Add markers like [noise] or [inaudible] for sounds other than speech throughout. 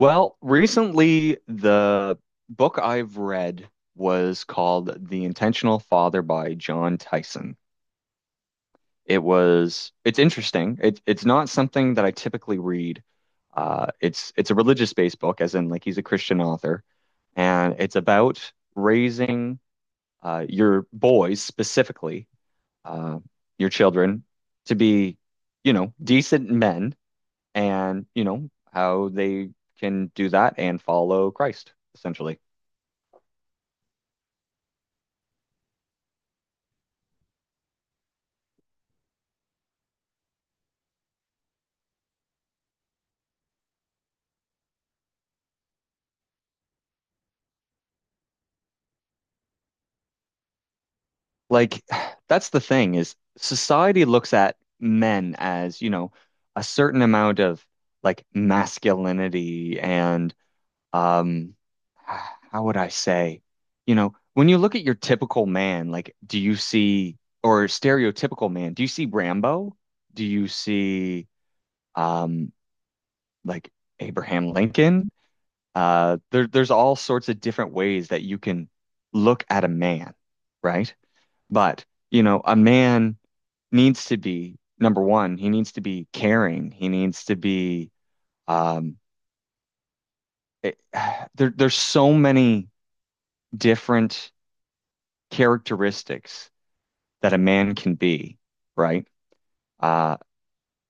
Well, recently the book I've read was called The Intentional Father by John Tyson. It's interesting. It's not something that I typically read. It's a religious-based book, as in like he's a Christian author, and it's about raising your boys specifically, uh, your children, to be, you know, decent men and you know how they can do that and follow Christ essentially like [sighs] that's the thing is society looks at men as you know a certain amount of like masculinity and um [sighs] how would I say, you know, when you look at your typical man, like do you see, or stereotypical man, do you see Rambo, do you see um like Abraham Lincoln. There's all sorts of different ways that you can look at a man, right? But, you know, a man needs to be, number one, he needs to be caring. He needs to be, um, it- [sighs] there's so many different characteristics that a man can be, right? Uh,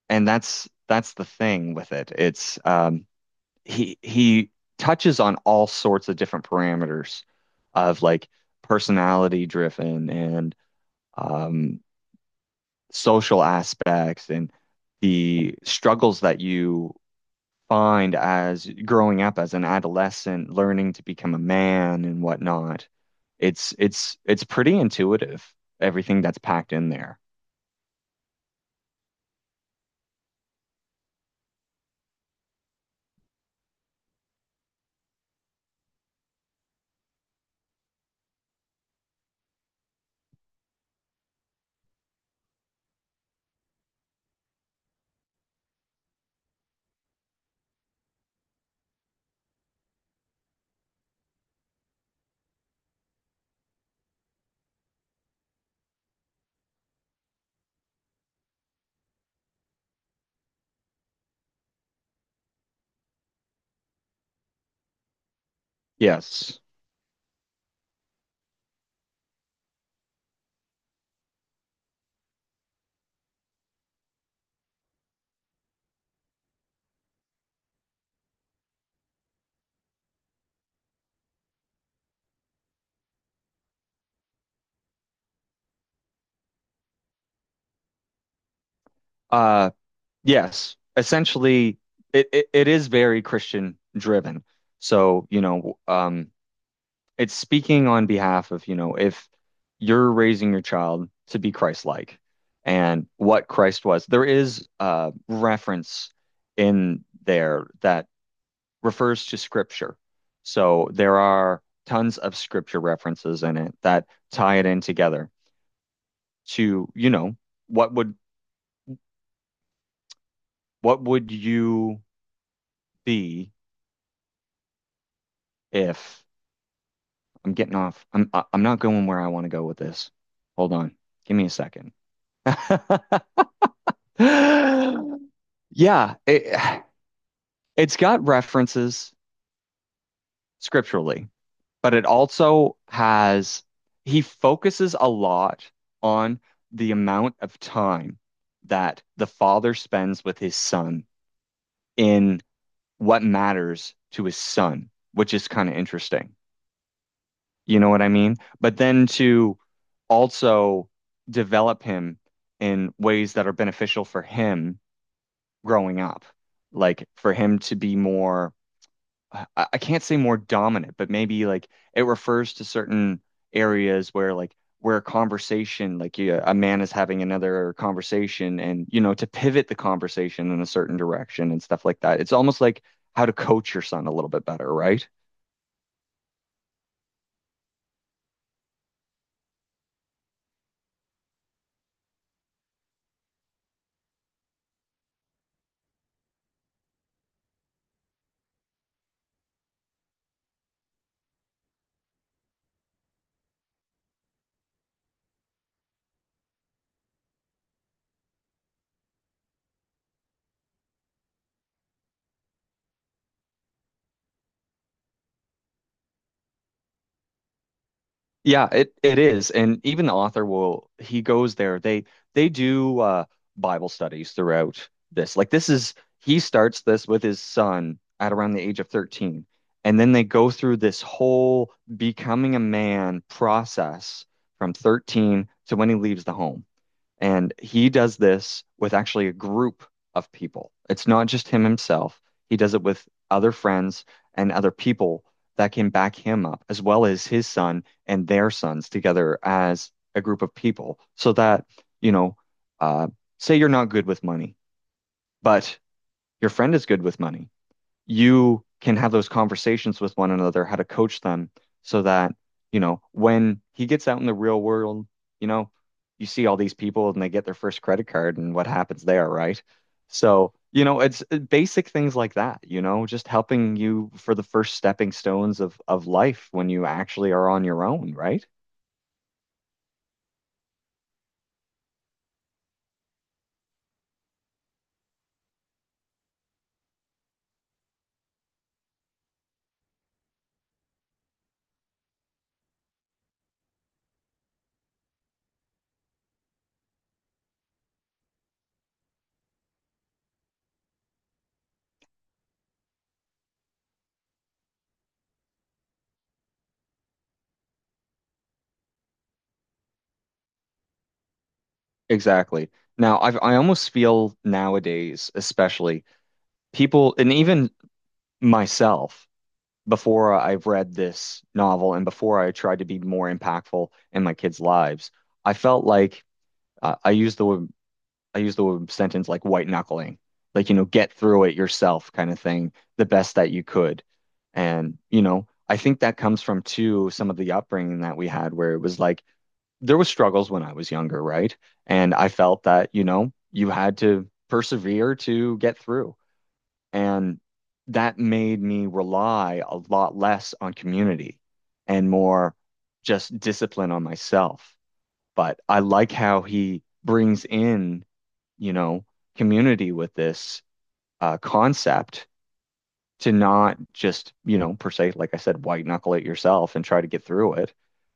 and that's the thing with it. It's, he touches on all sorts of different parameters of like personality driven and um, social aspects and the struggles that you find as growing up as an adolescent, learning to become a man and whatnot. It's pretty intuitive, everything that's packed in there. Yes. Uh yes. Essentially it is very Christian driven. So, you know, it's speaking on behalf of, you know, if you're raising your child to be Christ-like and what Christ was. There is a reference in there that refers to scripture. So there are tons of scripture references in it that tie it in together to, you know, what would what would you be if I'm getting off. I am not going where I want to go with this. Hold on. Give me a second. [laughs] Yeah, it, it's got references scripturally, but it also has, he focuses a lot on the amount of time that the father spends with his son in what matters to his son, which is kind of interesting. You know what I mean? But then to also develop him in ways that are beneficial for him growing up, like for him to be more I, I can't say more dominant, but maybe like it refers to certain areas where where a conversation, like yeah, a man is having another conversation and you know, to pivot the conversation in a certain direction and stuff like that. It's almost like how to coach your son a little bit better, right? Yeah, it is. And even the author will he goes there. They do Bible studies throughout this. Like this is he starts this with his son at around the age of 13. And then they go through this whole becoming a man process from 13 to when he leaves the home. And he does this with actually a group of people. It's not just him himself. He does it with other friends and other people that can back him up, as well as his son and their sons together as a group of people. So that, you know, uh, say you're not good with money, but your friend is good with money, you can have those conversations with one another, how to coach them so that, you know, when he gets out in the real world, you know, you see all these people and they get their first credit card and what happens there, right? So, you know, it's basic things like that, you know, just helping you for the first stepping stones of life when you actually are on your own, right? Exactly. Now, I almost feel nowadays, especially people and even myself, before I've read this novel and before I tried to be more impactful in my kids' lives, I felt like uh, I used the I used the sentence like white knuckling, like you know, get through it yourself kind of thing, the best that you could. And you know, I think that comes from too some of the upbringing that we had, where it was like there was struggles when I was younger, right? And I felt that, you know, you had to persevere to get through. And that made me rely a lot less on community and more just discipline on myself. But I like how he brings in, you know, community with this concept, to not just, you know, per se, like I said, white knuckle it yourself and try to get through it,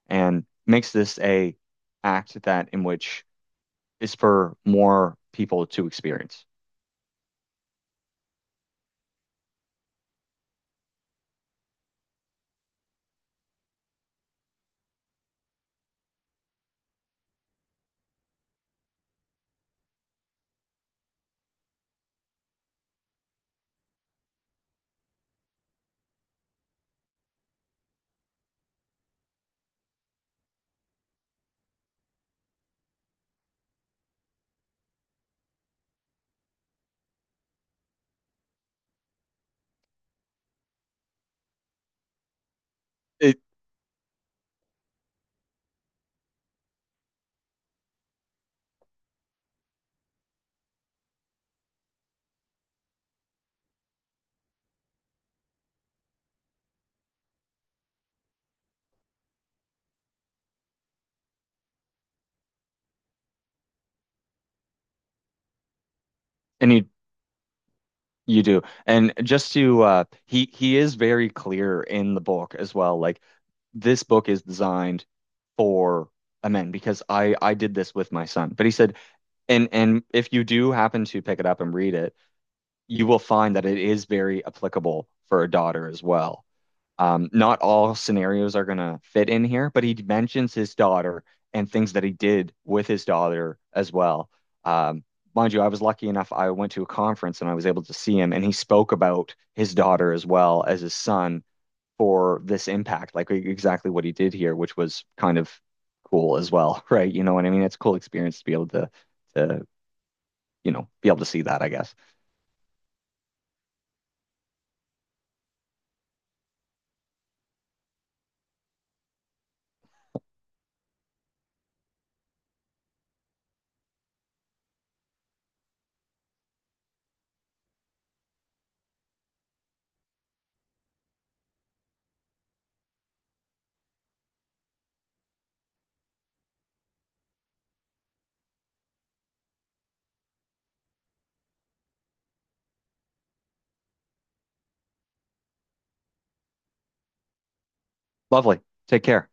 and makes this a act that in which is for more people to experience. It, and he You do. And just to he is very clear in the book as well. Like this book is designed for a man, because I did this with my son. But he said, and if you do happen to pick it up and read it, you will find that it is very applicable for a daughter as well. Not all scenarios are going to fit in here, but he mentions his daughter and things that he did with his daughter as well. Um, mind you, I was lucky enough, I went to a conference and I was able to see him, and he spoke about his daughter as well as his son for this impact, like exactly what he did here, which was kind of cool as well, [laughs] right? You know what I mean? It's a cool experience to be able to, you know, be able to see that, I guess. Lovely. Take care.